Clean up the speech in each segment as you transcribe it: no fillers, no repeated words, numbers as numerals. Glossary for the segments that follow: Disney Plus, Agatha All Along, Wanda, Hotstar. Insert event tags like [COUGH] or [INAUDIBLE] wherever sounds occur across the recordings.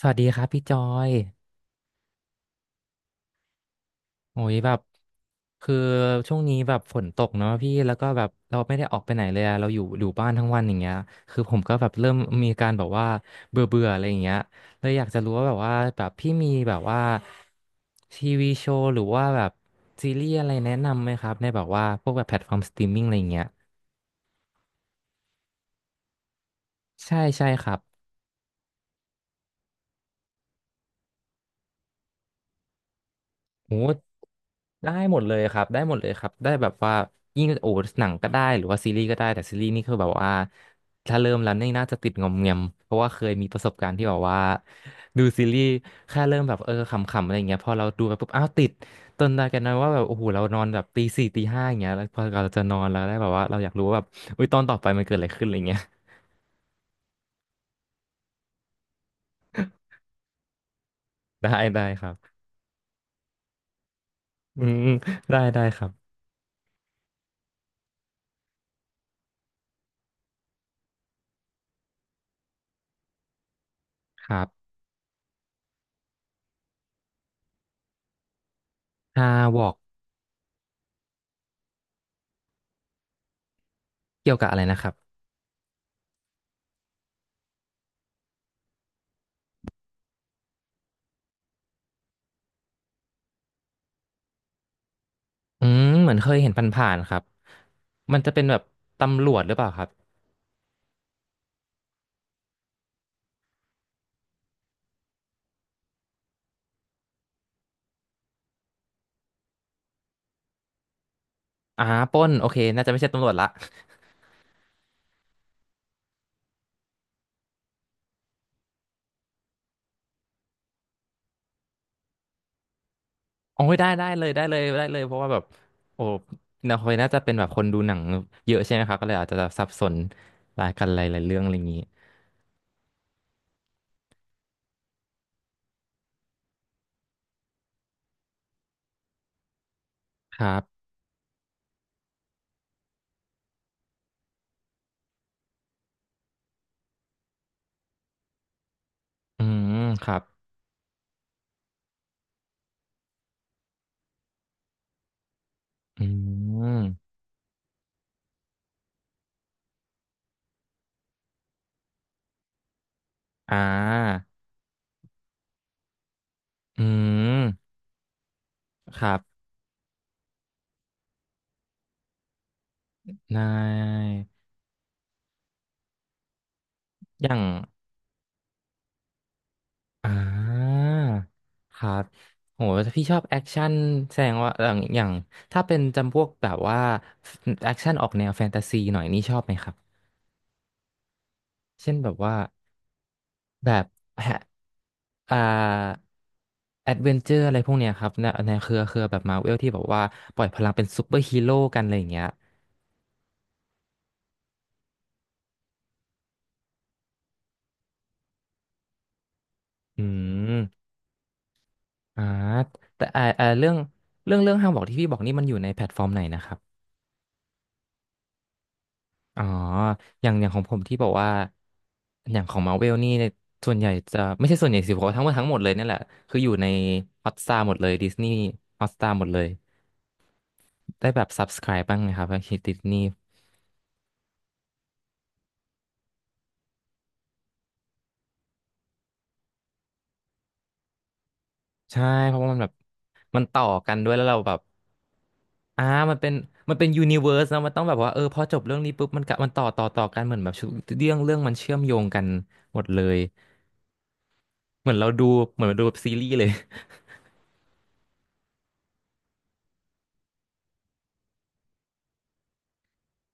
สวัสดีครับพี่จอย โอ้ยแบบคือช่วงนี้แบบฝนตกเนาะพี่แล้วก็แบบเราไม่ได้ออกไปไหนเลยอะเราอยู่บ้านทั้งวันอย่างเงี้ยคือผมก็แบบเริ่มมีอการแบบว่าเบื่อเบื่ออะไรอย่างเงี้ยเลยอยากจะรู้ว่าแบบว่าแบบพี่มีแบบว่าทีวีโชว์หรือว่าแบบซีรีส์อะไรแนะนำไหมครับในแบบว่าพวกแบบแพลตฟอร์มสตรีมมิ่งอะไรอย่างเงี้ยใช่ใช่ครับ โอ้ได้หมดเลยครับได้หมดเลยครับได้แบบว่ายิ่งโอ้หนังก็ได้หรือว่าซีรีส์ก็ได้แต่ซีรีส์นี่คือแบบว่าถ้าเริ่มแล้วนี่น่าจะติดงอมแงมเพราะว่าเคยมีประสบการณ์ที่แบบว่าดูซีรีส์แค่เริ่มแบบเออขำๆอะไรอย่างเงี้ยพอเราดูไปปุ๊บอ้าวติดจนได้กันนะว่าแบบโอ้โหเรานอนแบบตีสี่ตีห้าอย่างเงี้ยแล้วพอเราจะนอนแล้วได้แบบว่าเราอยากรู้ว่าแบบอุ้ยตอนต่อไปมันเกิดอะไรขึ้นอะไรเงี้ย [LAUGHS] ได้ได้ครับอืมได้ครับครับฮาวอกเกี่ยวกับอะไรนะครับอืมเหมือนเคยเห็นผ่านๆครับ มันจะเป็นแบบตำรวจหรือเปล่าครับอ่าปล้นโอเคน่าจะไม่ใช่ตำรวจละ [LAUGHS] โอ้ยได้ได้เลยได้เลยได้เลยเพราะว่าแบบโอ้นาคอยน่าจะเป็นแบบคนดูหนังเยอะใช่ไหมครับก็เลยอาจจะสับสนรายกันหลายๆเรื่องอะไรอย่างนี้ครับอืมครับอืมอ่าอืมครับนายอย่าง อ่าครับโหถ้าพี่ชอบแอคชั่นแสดงว่าอย่างถ้าเป็นจำพวกแบบว่าแอคชั่นออกแนวแฟนตาซีหน่อยนี่ชอบไหมครับเช่นแบบว่าแบบแฮะอ่าแอดเวนเจอร์อะไรพวกเนี้ยครับในในเครือแบบมาเวลที่แบบว่าปล่อยพลังเป็นซูเปอร์ฮีโร่กันอะไรอย่างเงี้ยอืมอ่าแต่เรื่องเรื่องห้างบอกที่พี่บอกนี่มันอยู่ในแพลตฟอร์มไหนนะครับ อ๋ออย่างของผมที่บอกว่าอย่างของมาเวลนี่ส่วนใหญ่จะไม่ใช่ส่วนใหญ่สิผมว่าทั้งหมดเลยเนี่ยแหละคืออยู่ในฮอตสตาร์หมดเลยดิสนีย์ฮอตสตาร์หมดเลยได้แบบ subscribe บ้างไหมครับคิดดิสนีย์ใช่เพราะว่ามันแบบมันต่อกันด้วยแล้วเราแบบอ่ามันเป็นมันเป็นยูนิเวอร์สนะมันต้องแบบว่าเออพอจบเรื่องนี้ปุ๊บมันกะมันต่อกันเหมือนแบบชุดเรื่องเรื่องมันเชื่อมโยงกันหมดเลยเหมือนเราดูเหมือนเราดูแบบซีรีส์เลย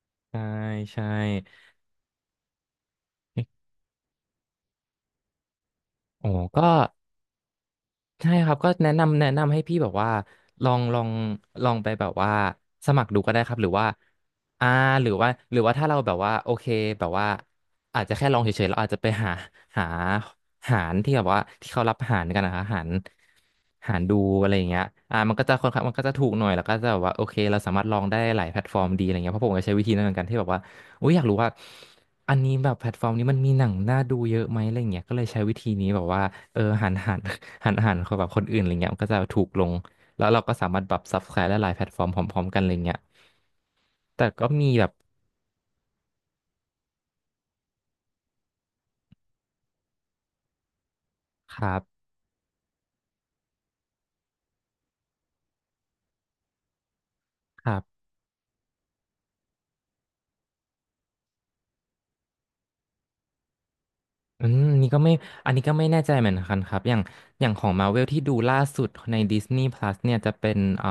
[LAUGHS] ใช่ใช่โอ้ก็ ใช่ครับก็แนะนำให้พี่แบบว่าลองลองลองไปแบบว่าสมัครดูก็ได้ครับหรือว่าอ่าหรือว่าถ้าเราแบบว่าโอเคแบบว่าอาจจะแค่ลองเฉยๆเราอาจจะไปหาหาหารที่แบบว่าที่เขารับหารกันนะคะหารดูอะไรอย่างเงี้ยมันก็จะค่อนข้างมันก็จะถูกหน่อยแล้วก็จะแบบว่าโอเคเราสามารถลองได้หลายแพลตฟอร์มดีอะไรเงี้ยเพราะผมก็ใช้วิธีนั้นเหมือนกันที่แบบว่า อุ้ยอยากรู้ว่าอันนี้แบบแพลตฟอร์มนี้มันมีหนังน่าดูเยอะไหมอะไรเงี้ยก็เลยใช้วิธีนี้แบบว่าเออหัน [LAUGHS] หันขอแบบคนอื่นอะไรเงี้ยมันก็จะถูกลงแล้วเราก็สามารถแบบ subscribe ได้หลายแพลตฟอร์มพร้อมๆกันอะไรเงี้ยแต่ก็มีแบบครับครับ อืมนี่ก็ไม่อันนี้ก็ไม่แน่ใจเหมือนกันครับอย่างของมาเวลที่ดูล่าสุดใน Disney Plus เนี่ยจะเป็น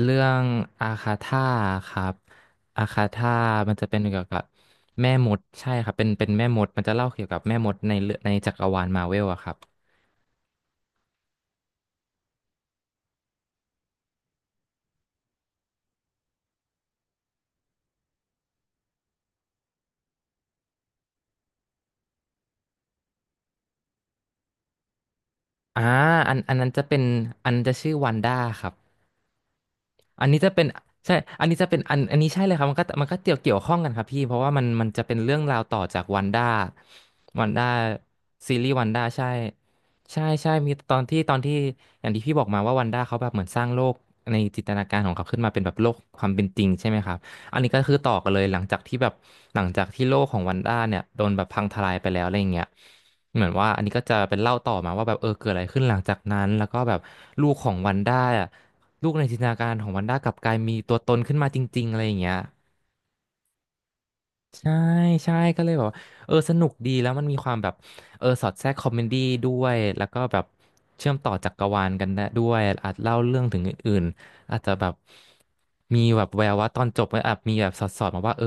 เรื่องอาคาธาครับอาคาธามันจะเป็นเกี่ยวกับแม่มดใช่ครับเป็นแม่มดมันจะเล่าเกี่ยวกับแม่มดในเรื่องในจักรวาลมาเวลอะครับอ่าอันนั้นจะเป็นอันนั้นจะชื่อวันด้าครับ อันนี้จะเป็นใช่อันนี้จะเป็นอันนี้ใช่เลยครับมันก็เกี่ยวข้องกันครับพี่เพราะว่ามันจะเป็นเรื่องราวต่อจากวันด้าวันด้าซีรีส์วันด้าใช่ใช่มีตอนที่อย่างที่พี่บอกมาว่าวันด้าเขาแบบเหมือนสร้างโลกในจินตนาการของเขาขึ้นมาเป็นแบบโลกความเป็นจริงใช่ไหมครับอันนี้ก็คือต่อกันเลยหลังจากที่แบบหลังจากที่โลกของวันด้าเนี่ยโดนแบบพังทลายไปแล้วอะไรอย่างเงี้ยเหมือนว่าอันนี้ก็จะเป็นเล่าต่อมาว่าแบบเกิดอะไรขึ้นหลังจากนั้นแล้วก็แบบลูกของวันด้าอะ ลูกในจินตนาการของวันด้ากลับกลายมีตัวตนขึ้นมาจริงๆอะไรอย่างเงี้ยใช่ใช่ก็เลยแบบว่าสนุกดีแล้วมันมีความแบบสอดแทรกคอมเมดี้ด้วยแล้วก็แบบเชื่อมต่อจักรวาลกันได้ด้วยอาจเล่าเรื่องถึงอื่นๆอาจจะแบบมีแบบแววว่าตอนจบมันอาจมีแบบสอดมาว่า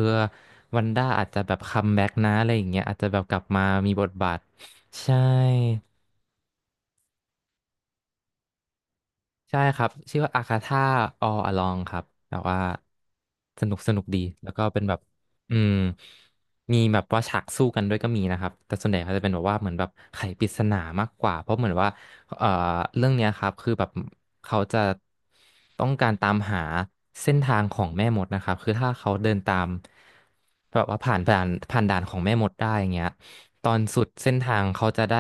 วันด้าอาจจะแบบคัมแบ็กนะอะไรอย่างเงี้ยอาจจะแบบกลับมามีบทบาทใช่ ใช่ครับชื่อว่าอาคาธา all along ครับแต่ว่าสนุกดีแล้วก็เป็นแบบอืมมีแบบว่าฉากสู้กันด้วยก็มีนะครับแต่ส่วนใหญ่เขาจะเป็นแบบว่าเหมือนแบบไขปริศนามากกว่าเพราะเหมือนว่าเอ่อเรื่องเนี้ยครับคือแบบเขาจะต้องการตามหาเส้นทางของแม่มดนะครับคือถ้าเขาเดินตามแบบว่าผ่านด่านของแม่มดได้อย่างเงี้ยตอนสุดเส้นทางเขาจะได้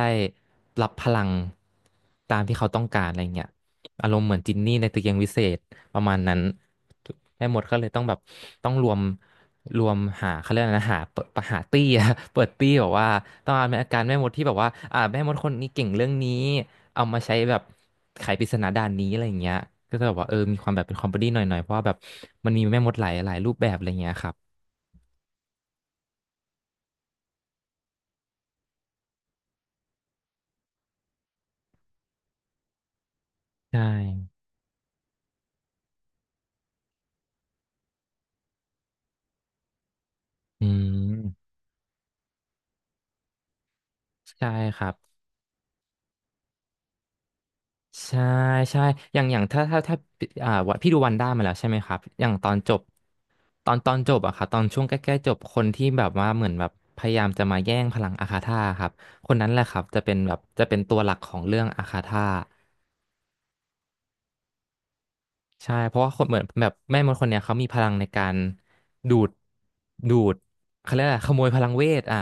รับพลังตามที่เขาต้องการอะไรเงี้ย อารมณ์เหมือนจินนี่ในตะเกียงวิเศษประมาณนั้นให้หมดก็เลยต้องแบบต้องรวมหาเขาเรียกอะไรนะหาเปิดหาตี้อะ [LAUGHS] เปิดตี้แบบว่าต้องเอาอาการแม่มดที่แบบว่าแม่มดคนนี้เก่งเรื่องนี้เอามาใช้แบบไขปริศนาด่านนี้อะไรอย่างเงี้ยก็จะแบบว่ามีความแบบเป็นคอมเมดี้หน่อยๆเพราะว่าแบบมันมีแม่มดหลายรูปแบบอะไรอย่างเงี้ยครับใช่อืมใช่ครับ ใช่ใช่อย่างอย่างถ้าวัดพี่ดูวันด้ามาแล้วใช่ไหมครับอย่างตอนจบตอนจบอะครับตอนช่วงใกล้ๆจบคนที่แบบว่าเหมือนแบบพยายามจะมาแย่งพลังอาคาธาครับคนนั้นแหละครับจะเป็นแบบจะเป็นตัวหลักของเรื่องอาคาธา ใช่เพราะว่าคนเหมือนแบบแม่มดคนเนี้ยเขามีพลังในการดูดดูดเขาเรียกอะไรขโมยพลังเวทอ่ะ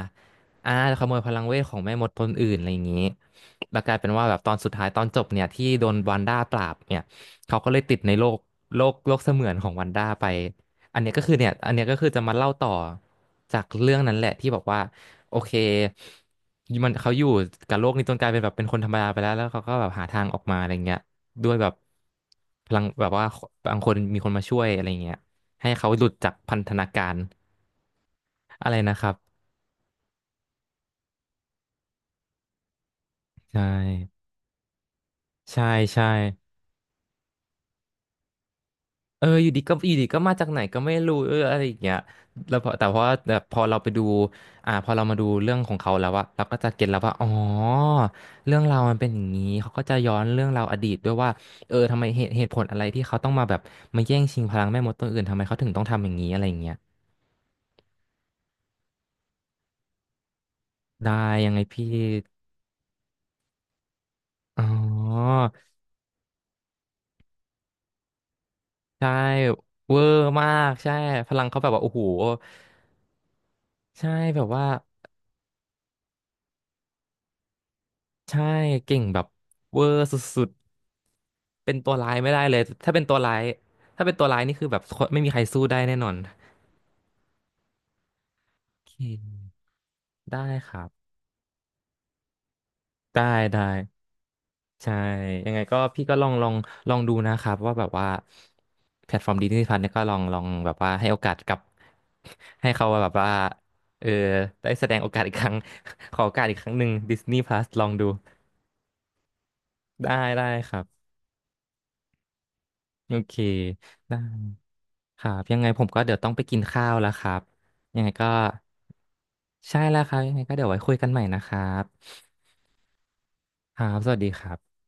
อ่าขโมยพลังเวทของแม่มดคนอื่นอะไรอย่างนี้แล้วกลายเป็นว่าแบบตอนสุดท้ายตอนจบเนี่ยที่โดนวันด้าปราบเนี่ยเขาก็เลยติดในโลกโลกเสมือนของวันด้าไปอันเนี้ยก็คือเนี่ยอันเนี้ยก็คือจะมาเล่าต่อจากเรื่องนั้นแหละที่บอกว่าโอเคมันเขาอยู่กับโลกนี้จนกลายเป็นแบบเป็นคนธรรมดาไปแล้วแล้วเขาก็แบบหาทางออกมาอะไรเงี้ย ด้วยแบบพลังแบบว่าบางคนมีคนมาช่วยอะไรเงี้ยให้เขาหลุดจากพันธนาการอะไรนะครับใช่ใช่ใช่อยู่ดีก็อยู่ดีก็มาจากไหนก็ไม่รู้อะไรอย่างเงี้ยแล้วพอแต่พอแบบพอเราไปดูพอเรามาดูเรื่องของเขาแล้วอะเราก็จะเก็ตแล้วว่าอ๋อเรื่องราวมันเป็นอย่างนี้เขาก็จะย้อนเรื่องราวอดีตด้วยว่าทำไมเหตุผลอะไรที่เขาต้องมาแบบมาแย่งชิงพลังแม่มดตัวอื่นทำไมเขาถึงต้องทำอย่างนี้อะไรอย่างเงี้ยได้ยังไงพี่ อ๋อใช่เวอร์มากใช่พลังเขาแบบว่าโอ้โหใช่แบบว่าใช่เก่งแบบเวอร์สุดๆเป็นตัวร้ายไม่ได้เลยถ้าเป็นตัวร้ายถ้าเป็นตัวร้ายนี่คือแบบไม่มีใครสู้ได้แน่นอนโอเคได้ครับได้ได้ ใช่ยังไงก็พี่ก็ลองดูนะครับว่าแบบว่าแพลตฟอร์มดิสนีย์พัทเนี่ยก็ลองลองแบบว่าให้โอกาสกับ [LAUGHS] ให้เขาแบบว่าเออได้แสดงโอกาสอีกครั้ง [LAUGHS] ขอโอกาสอีกครั้งหนึ่งดิสนีย์พลัสลองดูได้ได้ครับโอเคได้ครับยังไงผมก็เดี๋ยวต้องไปกินข้าวแล้วครับยังไงก็ใช่แล้วครับยังไงก็เดี๋ยวไว้คุยกันใหม่นะครับครับสวัสดีครับ